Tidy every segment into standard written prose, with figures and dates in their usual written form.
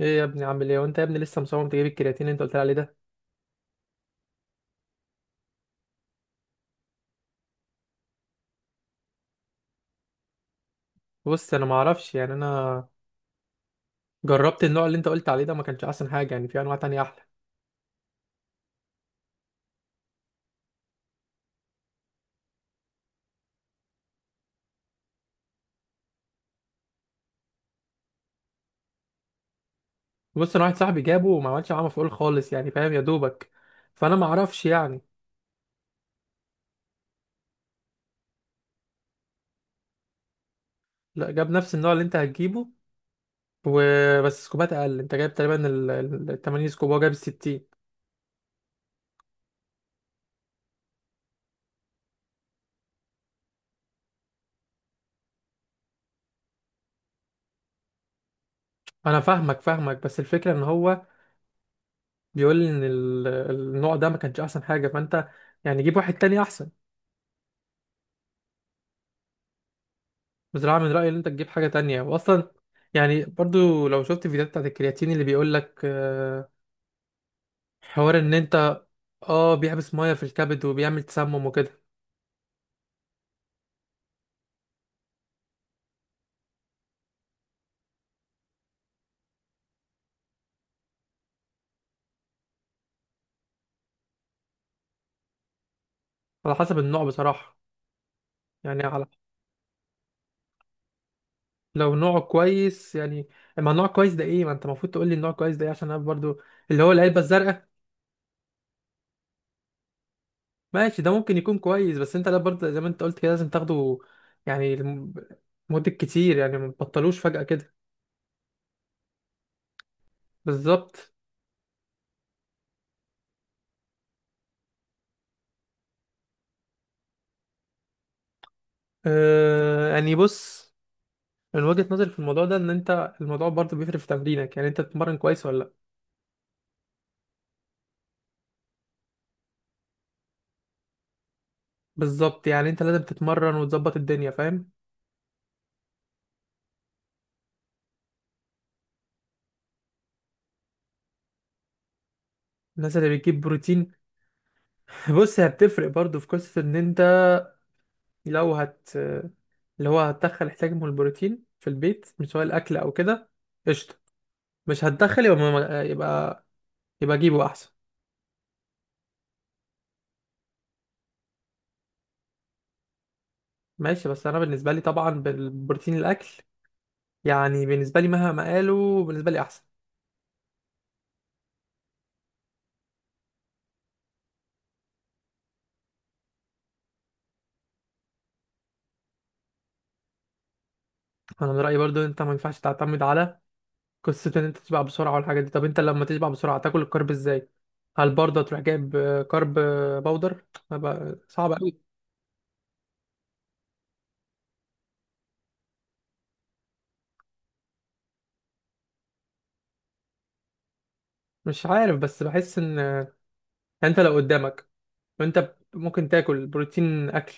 ايه يا ابني، عامل ايه؟ وانت يا ابني لسه مصمم تجيب الكرياتين اللي انت قلت لي عليه ده؟ بص انا ما اعرفش، يعني انا جربت النوع اللي انت قلت عليه ده، ما كانش احسن حاجه، يعني في انواع تانية احلى. بص انا واحد صاحبي جابه وما عملش معاه مفعول خالص، يعني فاهم يا دوبك؟ فانا ما اعرفش يعني. لا، جاب نفس النوع اللي انت هتجيبه وبس سكوبات اقل. انت جايب تقريبا 80 سكوب وهو جايب ال 60. انا فاهمك فاهمك، بس الفكره ان هو بيقول لي ان النوع ده ما كانش احسن حاجه، فانت يعني جيب واحد تاني احسن. بصراحة من رأيي ان انت تجيب حاجة تانية، واصلا يعني برضو لو شفت فيديوهات بتاعت الكرياتين اللي بيقولك حوار ان انت، اه بيحبس مية في الكبد وبيعمل تسمم وكده. على حسب النوع بصراحة، يعني. لو نوع كويس يعني، اما نوع كويس ده ايه؟ ما انت المفروض تقول لي النوع كويس ده ايه، عشان انا برضو، اللي هو العلبة الزرقاء. ماشي، ده ممكن يكون كويس، بس انت لا برضو زي ما انت قلت كده لازم تاخده يعني مدة كتير، يعني ما تبطلوش فجأة كده. بالظبط. آه يعني بص، من وجهة نظري في الموضوع ده ان انت الموضوع برضه بيفرق في تمرينك، يعني انت بتتمرن كويس ولا لا؟ بالظبط، يعني انت لازم تتمرن وتظبط الدنيا، فاهم؟ الناس اللي بتجيب بروتين، بص هي بتفرق برضه في قصة ان انت، لو هت اللي هو هتدخل احتياج من البروتين في البيت، مش سواء الاكل او كده، قشطة. مش هتدخل، يبقى يبقى جيبه احسن. ماشي، بس انا بالنسبة لي طبعا بالبروتين الاكل، يعني بالنسبة لي مهما قالوا، بالنسبة لي احسن. انا من رأيي برضه انت ما ينفعش تعتمد على قصة ان انت تشبع بسرعة والحاجات دي. طب انت لما تشبع بسرعة تاكل الكرب ازاي؟ هل برضه تروح جايب كرب باودر؟ هبقى صعب قوي. مش عارف، بس بحس ان انت لو قدامك، ممكن تاكل بروتين اكل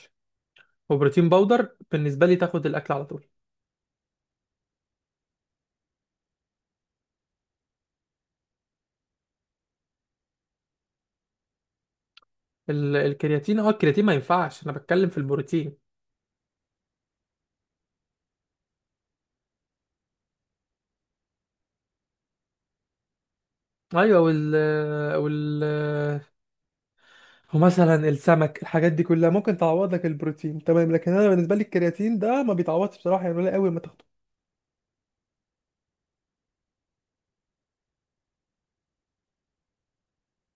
وبروتين باودر، بالنسبة لي تاخد الاكل على طول. الكرياتين، اه الكرياتين ما ينفعش، انا بتكلم في البروتين. ايوه، وال ومثلا السمك، الحاجات دي كلها ممكن تعوض لك البروتين، تمام. لكن انا بالنسبة لي الكرياتين ده ما بيتعوضش بصراحة، يعني قليل قوي ما تاخده.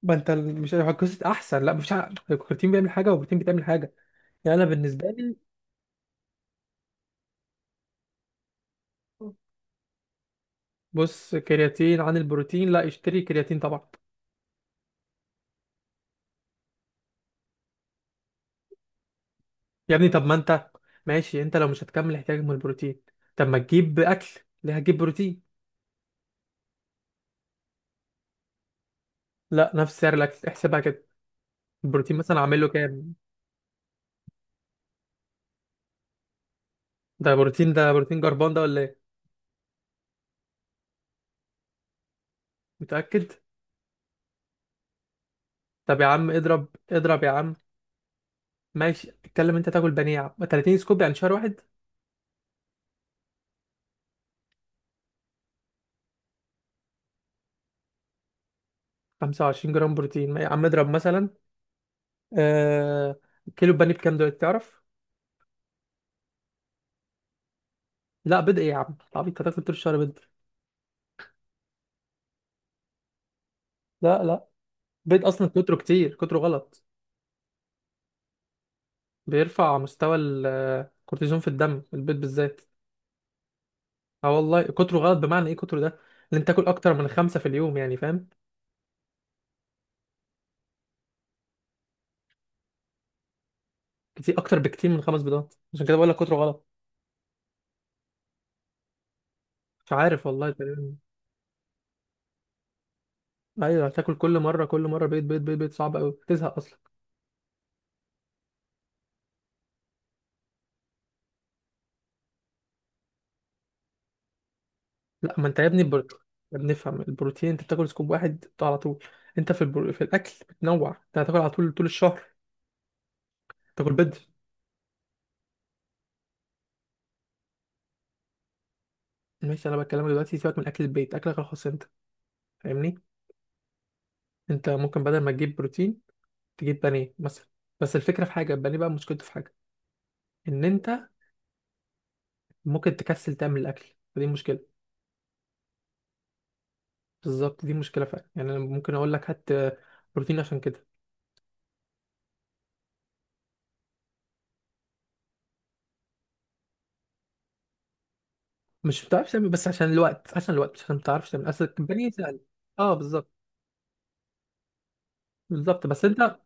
ما انت مش قصه احسن، لا مش ع- الكرياتين بيعمل حاجه والبروتين بتعمل حاجه، يعني انا بالنسبه لي. بص، كرياتين عن البروتين؟ لا اشتري كرياتين طبعا. يا ابني طب ما انت، ماشي، انت لو مش هتكمل احتياجك من البروتين، طب ما تجيب اكل، ليه هتجيب بروتين؟ لا، نفس سعر الاكل، احسبها كده. البروتين مثلا عامل له كام؟ ده بروتين، ده بروتين جربان ده ولا ايه؟ متاكد؟ طب يا عم اضرب، اضرب يا عم. ماشي اتكلم، انت تاكل بانيه يا عم، 30 سكوب يعني شهر واحد. 25 جرام بروتين؟ ما يا عم اضرب مثلا، آه، كيلو بانيه بكام دلوقتي تعرف؟ لا بيض ايه يا عم؟ طب انت هتاكل طول الشهر بيض؟ لا، بيض اصلا كتره، كتير كتره غلط. بيرفع مستوى الكورتيزون في الدم، البيض بالذات. اه والله كتره غلط. بمعنى ايه كتره ده؟ ان انت تاكل اكتر من خمسة في اليوم، يعني فاهم؟ كتير، اكتر بكتير من خمس بيضات، عشان كده بقول لك كتره غلط. مش عارف والله تقريباً. ايوه هتاكل كل مره كل مره بيض بيض بيض بيض، صعب قوي تزهق اصلا. لا، ما انت يا ابني يا ابني افهم، البروتين انت بتاكل سكوب واحد بتاع على طول، انت في الاكل بتنوع، انت هتاكل على طول طول الشهر. تاكل بيض. ماشي انا بكلمك دلوقتي، سيبك من اكل البيت، اكلك الخاص انت، فاهمني؟ انت ممكن بدل ما تجيب بروتين تجيب بانيه مثلا، بس الفكره في حاجه، البانيه بقى مشكلته في حاجه، ان انت ممكن تكسل تعمل الاكل، فدي مشكله. بالظبط دي مشكله فعلا، يعني انا ممكن اقول لك هات بروتين عشان كده. مش بتعرفش تعمل، بس عشان الوقت، عشان الوقت، مش عشان ما بتعرفش تعمل، اصل البانيه سهل. اه بالظبط. بالظبط بس انت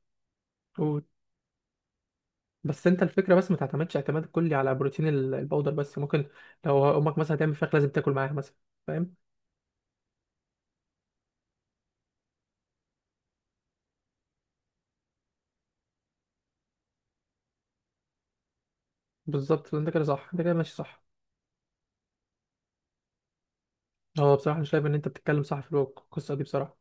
بس انت الفكره بس ما تعتمدش اعتماد كلي على بروتين البودر بس، ممكن لو امك مثلا تعمل فراخ لازم تاكل معاها مثلا، فاهم؟ بالظبط، انت كده صح، انت كده ماشي صح. هو بصراحه انا شايف ان انت بتتكلم صح في القصه دي بصراحه.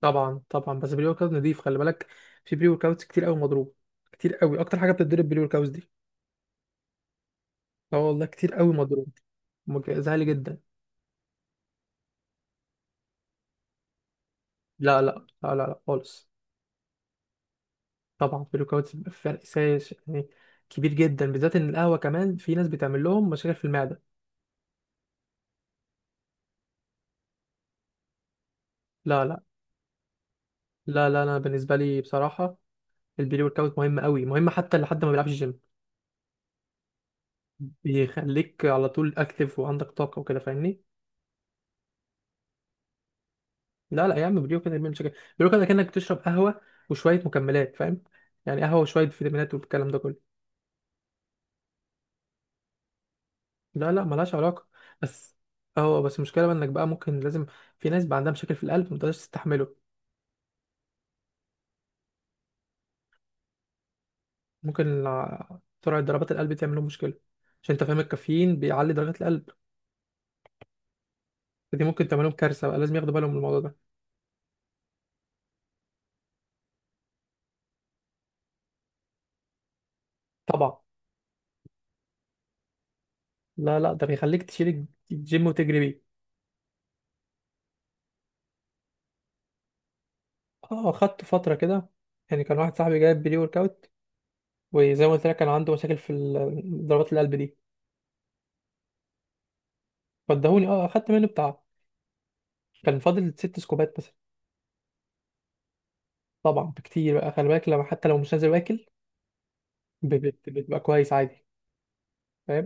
طبعا طبعا، بس بري ورك اوت نضيف، خلي بالك في بري ورك اوتس كتير قوي مضروب، كتير قوي، اكتر حاجه بتتضرب بري ورك اوتس دي. اه والله كتير قوي مضروب. زعلي جدا. لا لا لا لا لا خالص. طبعا بري ورك اوتس فرق سايش، يعني كبير جدا، بالذات ان القهوه كمان في ناس بتعمل لهم مشاكل في المعده. لا لا. لا لا، انا بالنسبه لي بصراحه البري ورك اوت مهم قوي، مهم حتى لحد ما بيلعبش جيم. بيخليك على طول اكتف وعندك طاقه وكده، فاهمني؟ لا لا يا عم، بري ورك اوت مش كده، بري ورك اوت كانك بتشرب قهوه وشويه مكملات، فاهم؟ يعني قهوه وشويه فيتامينات والكلام ده كله. لا لا، ملهاش علاقه. بس، اه بس المشكله بقى انك بقى ممكن لازم، في ناس بقى عندها مشاكل في القلب ما تقدرش تستحمله. ممكن ع- سرعه ضربات القلب تعمل لهم مشكله، عشان انت فاهم الكافيين بيعلي ضربات القلب، فدي ممكن تعمل لهم كارثه، بقى لازم ياخدوا بالهم من الموضوع ده. طبعا. لا لا، ده بيخليك تشيل الجيم وتجري بيه. اه خدت فترة كده، يعني كان واحد صاحبي جايب بري ورك اوت، وزي ما قلت لك كان عنده مشاكل في ضربات القلب دي. فادهوني، اه اخدت منه بتاع، كان فاضل ست سكوبات مثلا. طبعا بكتير بقى، خلي بالك لما حتى لو مش نازل واكل، بتبقى كويس عادي، فاهم؟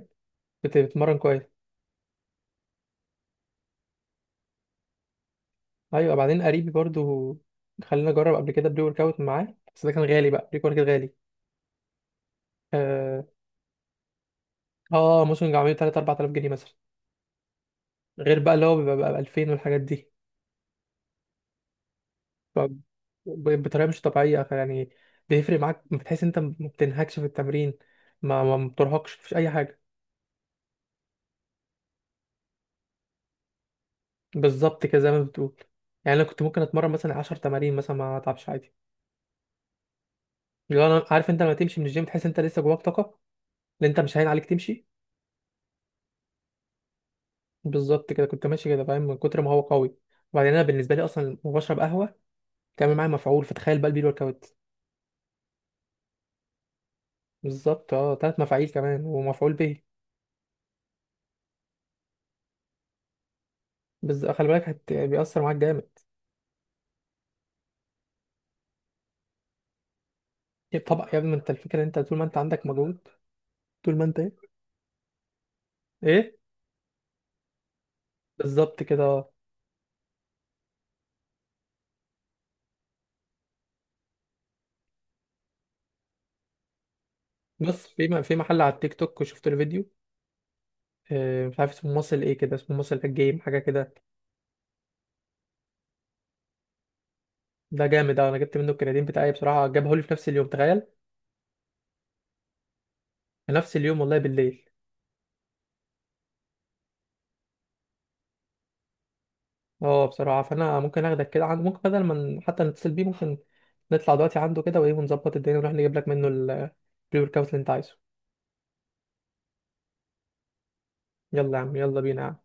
بتتمرن كويس. ايوه، بعدين قريبي برضو، خلينا اجرب قبل كده بري ورك اوت معاه، بس ده كان غالي بقى، بري ورك اوت غالي. اه، آه موسم عامل 3 4000 جنيه مثلا، غير بقى اللي هو بيبقى ب 2000 والحاجات دي. ب- بطريقه مش طبيعيه يعني، بيفرق معاك، بتحس انت ما بتنهكش في التمرين، ما بترهقش، مفيش اي حاجه. بالظبط كده، زي ما بتقول، يعني انا كنت ممكن اتمرن مثلا 10 تمارين مثلا ما اتعبش عادي. لو انا عارف، انت لما تمشي من الجيم تحس انت لسه جواك طاقه، اللي انت مش هين عليك تمشي. بالظبط كده، كنت ماشي كده، فاهم، من كتر ما هو قوي. وبعدين انا بالنسبه لي اصلا وبشرب قهوه تعمل معايا مفعول، فتخيل بقى البيل ورك اوت. بالظبط اه، تلات مفاعيل كمان ومفعول به. بس خلي بالك بيأثر معاك جامد. طبعا يا ابني، ما انت الفكره ان انت طول ما انت عندك مجهود، طول ما انت ايه. ايه. بالظبط كده اه. بص في في محل على التيك توك شفت له فيديو، مش عارف اسمه مصل ايه كده، اسمه مصل الجيم حاجه كده. ده جامد اوي، انا جبت منه الكرياتين بتاعي بصراحه، جابه لي في نفس اليوم، تخيل. في نفس اليوم والله، بالليل. اه بصراحه، فانا ممكن اخدك كده عند، ممكن بدل ما حتى نتصل بيه، ممكن نطلع دلوقتي عنده كده، وايه، ونظبط الدنيا ونروح نجيب لك منه البري ورك اوت اللي انت عايزه. يلا يا عم، يلا بينا يا عم.